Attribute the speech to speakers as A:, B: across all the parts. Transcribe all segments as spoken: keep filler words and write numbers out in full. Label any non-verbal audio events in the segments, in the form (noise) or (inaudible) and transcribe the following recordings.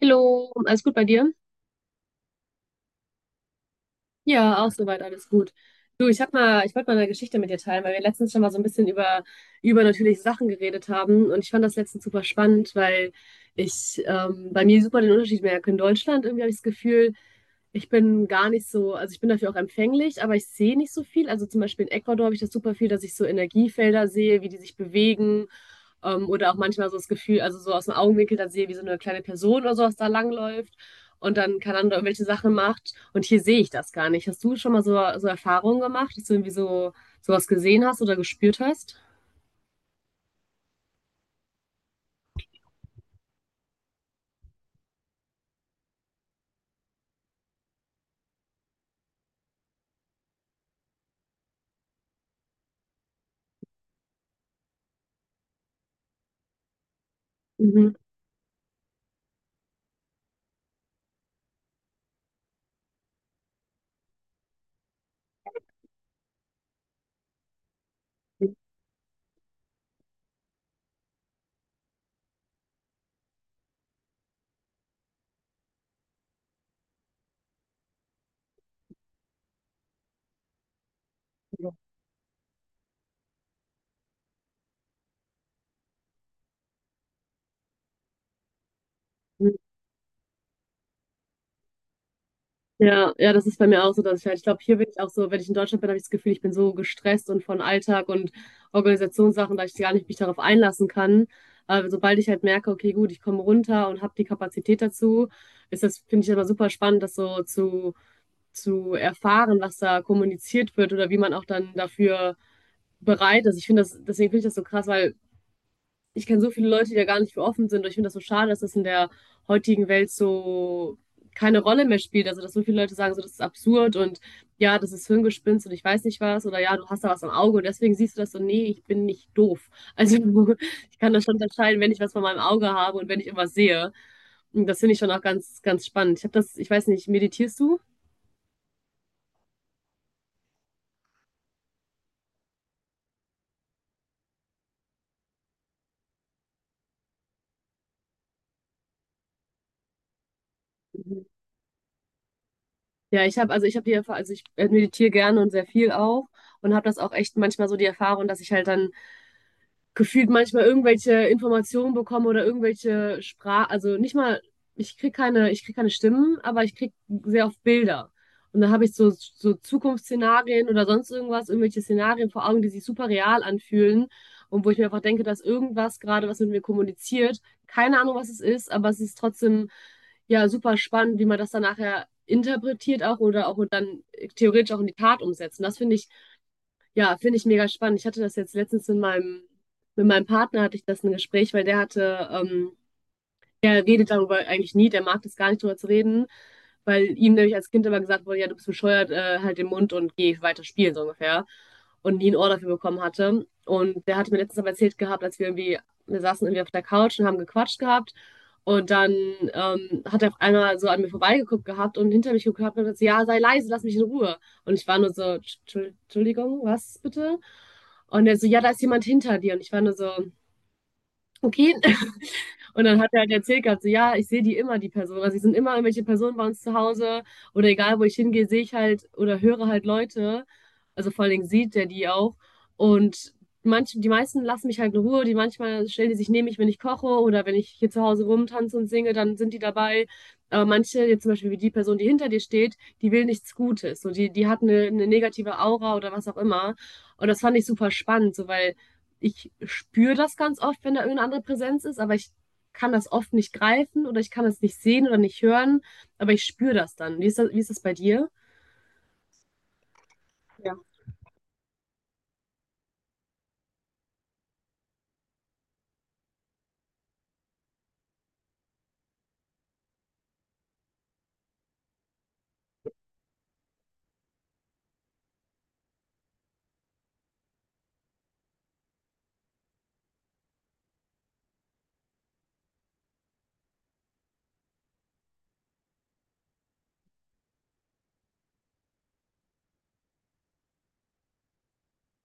A: Hallo, alles gut bei dir? Ja, auch soweit alles gut. Du, ich hab mal, ich wollte mal eine Geschichte mit dir teilen, weil wir letztens schon mal so ein bisschen über übernatürliche Sachen geredet haben und ich fand das letztens super spannend, weil ich ähm, bei mir super den Unterschied merke. In Deutschland irgendwie habe ich das Gefühl, ich bin gar nicht so, also ich bin dafür auch empfänglich, aber ich sehe nicht so viel. Also zum Beispiel in Ecuador habe ich das super viel, dass ich so Energiefelder sehe, wie die sich bewegen. Ähm, oder auch manchmal so das Gefühl, also so aus dem Augenwinkel dann sehe, wie so eine kleine Person oder sowas da langläuft und dann keine Ahnung, irgendwelche Sachen macht. Und hier sehe ich das gar nicht. Hast du schon mal so, so Erfahrungen gemacht, dass du irgendwie so sowas gesehen hast oder gespürt hast? Mhm. Ja, ja, das ist bei mir auch so, dass ich halt, ich glaube, hier bin ich auch so. Wenn ich in Deutschland bin, habe ich das Gefühl, ich bin so gestresst und von Alltag und Organisationssachen, dass ich gar nicht mich darauf einlassen kann. Aber sobald ich halt merke, okay, gut, ich komme runter und habe die Kapazität dazu, ist das, finde ich, immer super spannend, das so zu, zu erfahren, was da kommuniziert wird oder wie man auch dann dafür bereit ist. Ich finde das, deswegen finde ich das so krass, weil ich kenne so viele Leute, die da gar nicht für offen sind. Und ich finde das so schade, dass das in der heutigen Welt so keine Rolle mehr spielt. Also, dass so viele Leute sagen, so, das ist absurd und ja, das ist Hirngespinst und ich weiß nicht was, oder ja, du hast da was am Auge und deswegen siehst du das so. Nee, ich bin nicht doof. Also, (laughs) ich kann das schon unterscheiden, wenn ich was von meinem Auge habe und wenn ich irgendwas sehe. Und das finde ich schon auch ganz, ganz spannend. Ich habe das, ich weiß nicht, meditierst du? Ja, ich habe, also ich habe die Erfahrung, also ich äh, meditiere gerne und sehr viel auch und habe das auch echt manchmal so die Erfahrung, dass ich halt dann gefühlt manchmal irgendwelche Informationen bekomme oder irgendwelche Sprach, also nicht mal, ich krieg keine, ich krieg keine Stimmen, aber ich krieg sehr oft Bilder. Und dann habe ich so, so Zukunftsszenarien oder sonst irgendwas, irgendwelche Szenarien vor Augen, die sich super real anfühlen und wo ich mir einfach denke, dass irgendwas gerade was mit mir kommuniziert. Keine Ahnung, was es ist, aber es ist trotzdem ja super spannend, wie man das dann nachher interpretiert auch oder auch dann theoretisch auch in die Tat umsetzt. Und das finde ich, ja, finde ich mega spannend. Ich hatte das jetzt letztens mit meinem, mit meinem Partner, hatte ich das ein Gespräch, weil der hatte ähm, er redet darüber eigentlich nie, der mag das gar nicht drüber zu reden, weil ihm nämlich als Kind immer gesagt wurde, ja, du bist bescheuert, äh, halt den Mund und geh weiter spielen, so ungefähr. Und nie ein Ohr dafür bekommen hatte. Und der hatte mir letztens aber erzählt gehabt, als wir irgendwie, wir saßen irgendwie auf der Couch und haben gequatscht gehabt. Und dann ähm, hat er auf einmal so an mir vorbeigeguckt gehabt und hinter mich geguckt gehabt und hat gesagt, ja, sei leise, lass mich in Ruhe. Und ich war nur so, Entschuldigung, was bitte? Und er so, ja, da ist jemand hinter dir. Und ich war nur so, okay, und dann hat er halt erzählt gehabt, so, ja, ich sehe die immer, die Person. Also, es sind immer irgendwelche Personen bei uns zu Hause oder egal, wo ich hingehe, sehe ich halt oder höre halt Leute. Also, vor allen Dingen sieht er die auch. Und manch, die meisten lassen mich halt in Ruhe. Die, manchmal stellen die sich neben mich, wenn ich koche oder wenn ich hier zu Hause rumtanze und singe, dann sind die dabei. Aber manche, jetzt zum Beispiel wie die Person, die hinter dir steht, die will nichts Gutes. So, die, die hat eine, eine negative Aura oder was auch immer. Und das fand ich super spannend, so, weil ich spüre das ganz oft, wenn da irgendeine andere Präsenz ist, aber ich kann das oft nicht greifen oder ich kann es nicht sehen oder nicht hören, aber ich spüre das dann. Wie ist das, wie ist das bei dir? Ja.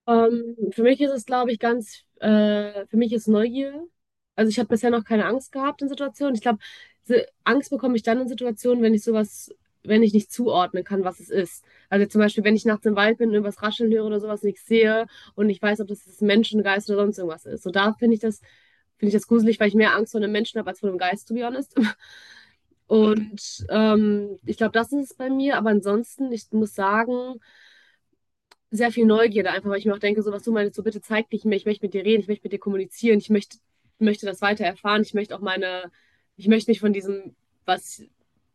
A: Ähm, für mich ist es, glaube ich, ganz, äh, für mich ist Neugier. Also ich habe bisher noch keine Angst gehabt in Situationen. Ich glaube, se- Angst bekomme ich dann in Situationen, wenn ich sowas, wenn ich nicht zuordnen kann, was es ist. Also zum Beispiel, wenn ich nachts im Wald bin und irgendwas rascheln höre oder sowas, nichts sehe und nicht weiß, ob das jetzt ein Menschengeist oder sonst irgendwas ist. So da finde ich das, finde ich das gruselig, weil ich mehr Angst vor einem Menschen habe als vor einem Geist, to be honest. (laughs) Und ähm, ich glaube, das ist es bei mir. Aber ansonsten, ich muss sagen, sehr viel Neugierde, einfach weil ich mir auch denke, so was du meinst, so bitte zeig dich mir, ich möchte mit dir reden, ich möchte mit dir kommunizieren, ich möchte, ich möchte das weiter erfahren. Ich möchte auch meine, ich möchte mich von diesem, was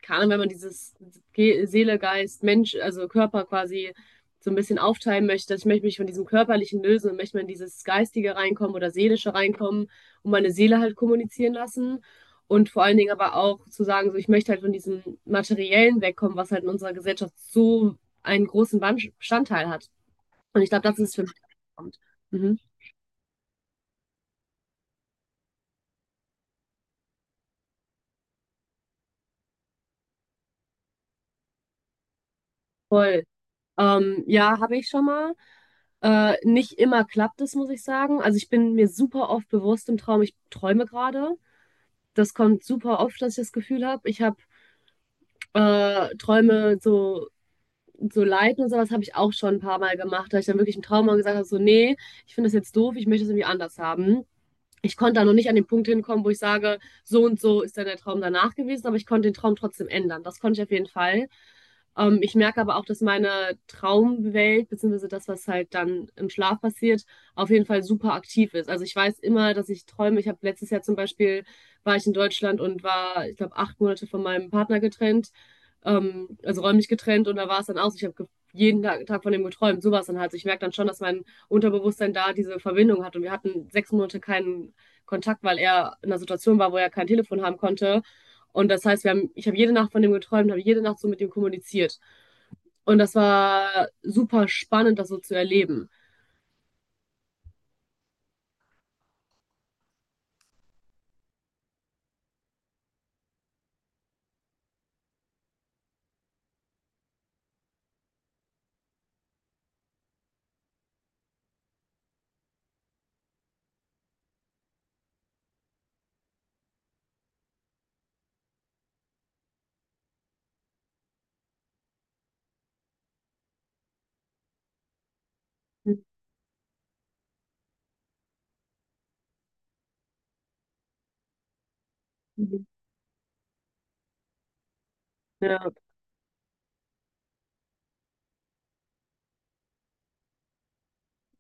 A: kann, wenn man dieses Ge Seele, Geist, Mensch, also Körper quasi so ein bisschen aufteilen möchte, dass ich möchte mich von diesem Körperlichen lösen und möchte mal in dieses Geistige reinkommen oder Seelische reinkommen und meine Seele halt kommunizieren lassen. Und vor allen Dingen aber auch zu sagen, so ich möchte halt von diesem Materiellen wegkommen, was halt in unserer Gesellschaft so einen großen Ban- Bestandteil hat. Und ich glaube, das ist für mich, was kommt. Mhm. Voll. Ähm, ja, habe ich schon mal. Äh, nicht immer klappt es, muss ich sagen. Also ich bin mir super oft bewusst im Traum, ich träume gerade. Das kommt super oft, dass ich das Gefühl habe. Ich habe äh, Träume so, so leiten und sowas habe ich auch schon ein paar Mal gemacht, da ich dann wirklich im Traum mal gesagt habe, so, nee, ich finde das jetzt doof, ich möchte es irgendwie anders haben. Ich konnte da noch nicht an den Punkt hinkommen, wo ich sage, so und so ist dann der Traum danach gewesen, aber ich konnte den Traum trotzdem ändern. Das konnte ich auf jeden Fall. Ähm, ich merke aber auch, dass meine Traumwelt beziehungsweise das, was halt dann im Schlaf passiert, auf jeden Fall super aktiv ist. Also ich weiß immer, dass ich träume. Ich habe letztes Jahr zum Beispiel, war ich in Deutschland, und war, ich glaube, acht Monate von meinem Partner getrennt, ähm, also räumlich getrennt, und da war es dann aus. Ich habe jeden Tag, Tag von dem geträumt, sowas dann halt. Also ich merke dann schon, dass mein Unterbewusstsein da diese Verbindung hat, und wir hatten sechs Monate keinen Kontakt, weil er in einer Situation war, wo er kein Telefon haben konnte. Und das heißt, wir haben, ich habe jede Nacht von dem geträumt, habe jede Nacht so mit ihm kommuniziert. Und das war super spannend, das so zu erleben. Mhm. Ja.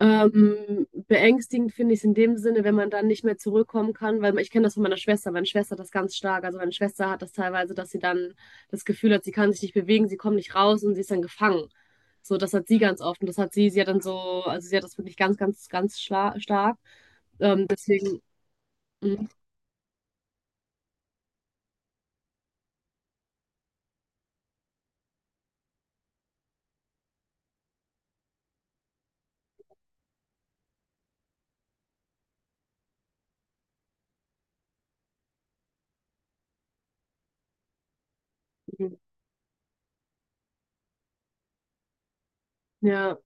A: Ähm, beängstigend finde ich es in dem Sinne, wenn man dann nicht mehr zurückkommen kann, weil ich kenne das von meiner Schwester. Meine Schwester hat das ganz stark. Also meine Schwester hat das teilweise, dass sie dann das Gefühl hat, sie kann sich nicht bewegen, sie kommt nicht raus und sie ist dann gefangen. So, das hat sie ganz oft, und das hat sie, sie hat dann so, also sie hat das wirklich ganz, ganz, ganz schla- stark. Ähm, deswegen, mhm, ja.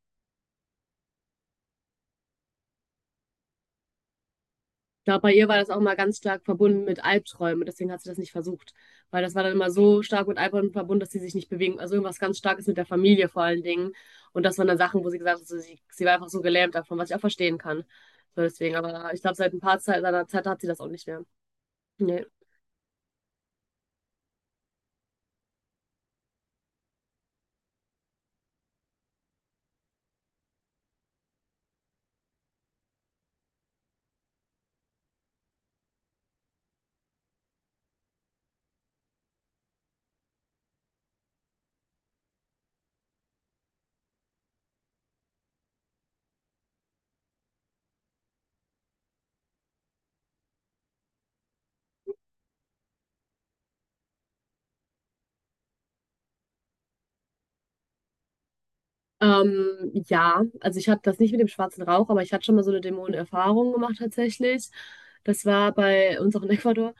A: Ich glaube, bei ihr war das auch mal ganz stark verbunden mit Albträumen. Deswegen hat sie das nicht versucht. Weil das war dann immer so stark mit Albträumen verbunden, dass sie sich nicht bewegen. Also irgendwas ganz Starkes mit der Familie vor allen Dingen. Und das waren dann Sachen, wo sie gesagt hat, so, sie, sie war einfach so gelähmt davon, was ich auch verstehen kann. So deswegen, aber ich glaube, seit ein paar Zeit, seit einer Zeit hat sie das auch nicht mehr. Nee. Ähm, ja, also ich hatte das nicht mit dem schwarzen Rauch, aber ich hatte schon mal so eine Dämonenerfahrung gemacht, tatsächlich. Das war bei uns auch in Ecuador.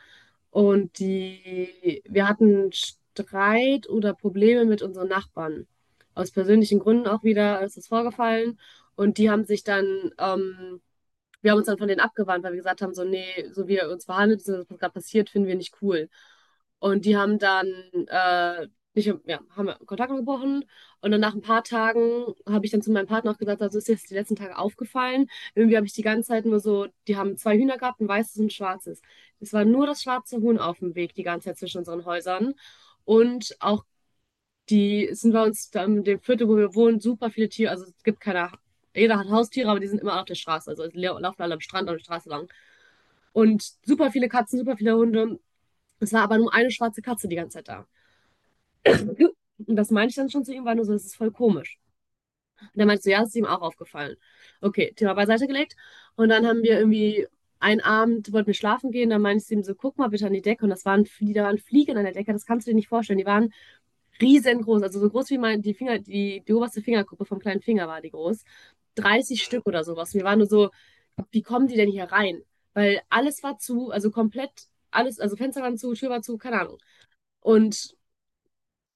A: Und die, wir hatten Streit oder Probleme mit unseren Nachbarn. Aus persönlichen Gründen auch wieder ist das vorgefallen. Und die haben sich dann ähm, Wir haben uns dann von denen abgewandt, weil wir gesagt haben, so, nee, so wie ihr uns verhandelt, so, was gerade passiert, finden wir nicht cool. Und die haben dann, äh, nicht, ja, haben wir Kontakt gebrochen. Und dann nach ein paar Tagen habe ich dann zu meinem Partner auch gesagt, also ist jetzt die letzten Tage aufgefallen. Irgendwie habe ich die ganze Zeit nur so, die haben zwei Hühner gehabt, ein weißes und ein schwarzes. Es war nur das schwarze Huhn auf dem Weg die ganze Zeit zwischen unseren Häusern. Und auch die sind bei uns in dem Viertel, wo wir wohnen, super viele Tiere. Also es gibt keine, jeder hat Haustiere, aber die sind immer auf der Straße. Also die laufen alle am Strand, an der Straße lang. Und super viele Katzen, super viele Hunde. Es war aber nur eine schwarze Katze die ganze Zeit da. Und das meinte ich dann schon zu ihm, war nur so, das ist voll komisch. Der meinte so, ja, das ist ihm auch aufgefallen. Okay, Thema beiseite gelegt. Und dann haben wir irgendwie einen Abend, wollten wir schlafen gehen, dann meinte ich zu ihm so, guck mal bitte an die Decke. Und das waren, Flie- da waren Fliegen an der Decke, das kannst du dir nicht vorstellen. Die waren riesengroß, also so groß wie mein, die Finger, die, die oberste Fingergruppe vom kleinen Finger war die groß. dreißig Stück oder sowas. Wir waren nur so, wie kommen die denn hier rein? Weil alles war zu, also komplett alles, also Fenster waren zu, Tür war zu, keine Ahnung. Und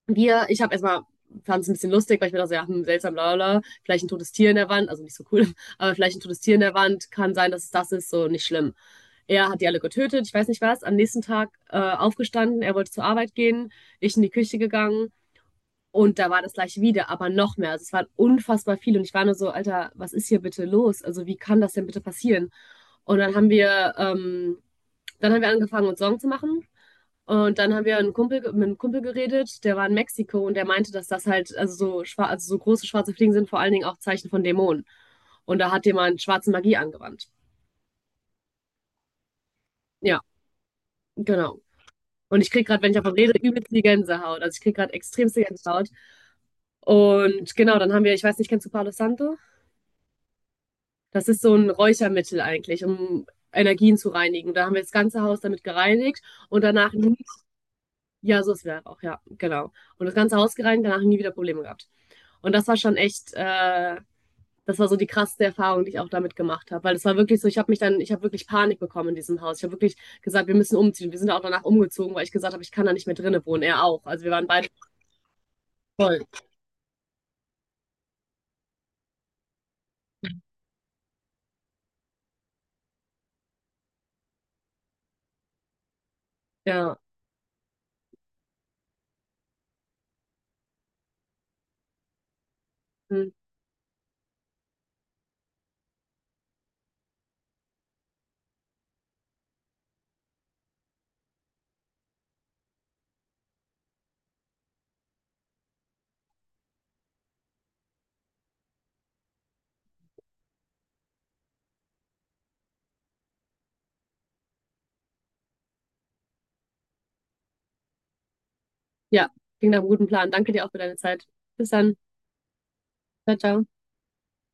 A: wir, ich habe erstmal, fand es ein bisschen lustig, weil ich mir dachte, so, ja, hm, seltsam, bla, bla, bla, vielleicht ein totes Tier in der Wand, also nicht so cool, (laughs) aber vielleicht ein totes Tier in der Wand, kann sein, dass es das ist, so nicht schlimm. Er hat die alle getötet, ich weiß nicht was, am nächsten Tag äh, aufgestanden, er wollte zur Arbeit gehen, ich in die Küche gegangen, und da war das gleich wieder, aber noch mehr. Also es waren unfassbar viele. Und ich war nur so, Alter, was ist hier bitte los? Also wie kann das denn bitte passieren? Und dann haben wir, ähm, dann haben wir angefangen, uns Sorgen zu machen. Und dann haben wir einen Kumpel, mit einem Kumpel geredet, der war in Mexiko und der meinte, dass das halt, also so, schwa- also so große schwarze Fliegen sind vor allen Dingen auch Zeichen von Dämonen. Und da hat jemand schwarze Magie angewandt. Ja, genau. Und ich kriege gerade, wenn ich davon rede, übelst die Gänsehaut. Also ich kriege gerade extremste Gänsehaut. Und genau, dann haben wir, ich weiß nicht, kennst du Palo Santo? Das ist so ein Räuchermittel eigentlich, um Energien zu reinigen. Da haben wir das ganze Haus damit gereinigt und danach nie. Ja, so ist es halt auch, ja, genau. Und das ganze Haus gereinigt, danach nie wieder Probleme gehabt. Und das war schon echt äh, das war so die krasseste Erfahrung, die ich auch damit gemacht habe, weil das war wirklich so, ich habe mich dann ich habe wirklich Panik bekommen in diesem Haus. Ich habe wirklich gesagt: „Wir müssen umziehen.“ Wir sind auch danach umgezogen, weil ich gesagt habe: „Ich kann da nicht mehr drinnen wohnen.“ Er auch. Also, wir waren beide voll. Ja, mhm. Ja, klingt nach einem guten Plan. Danke dir auch für deine Zeit. Bis dann. Ciao. Tschau.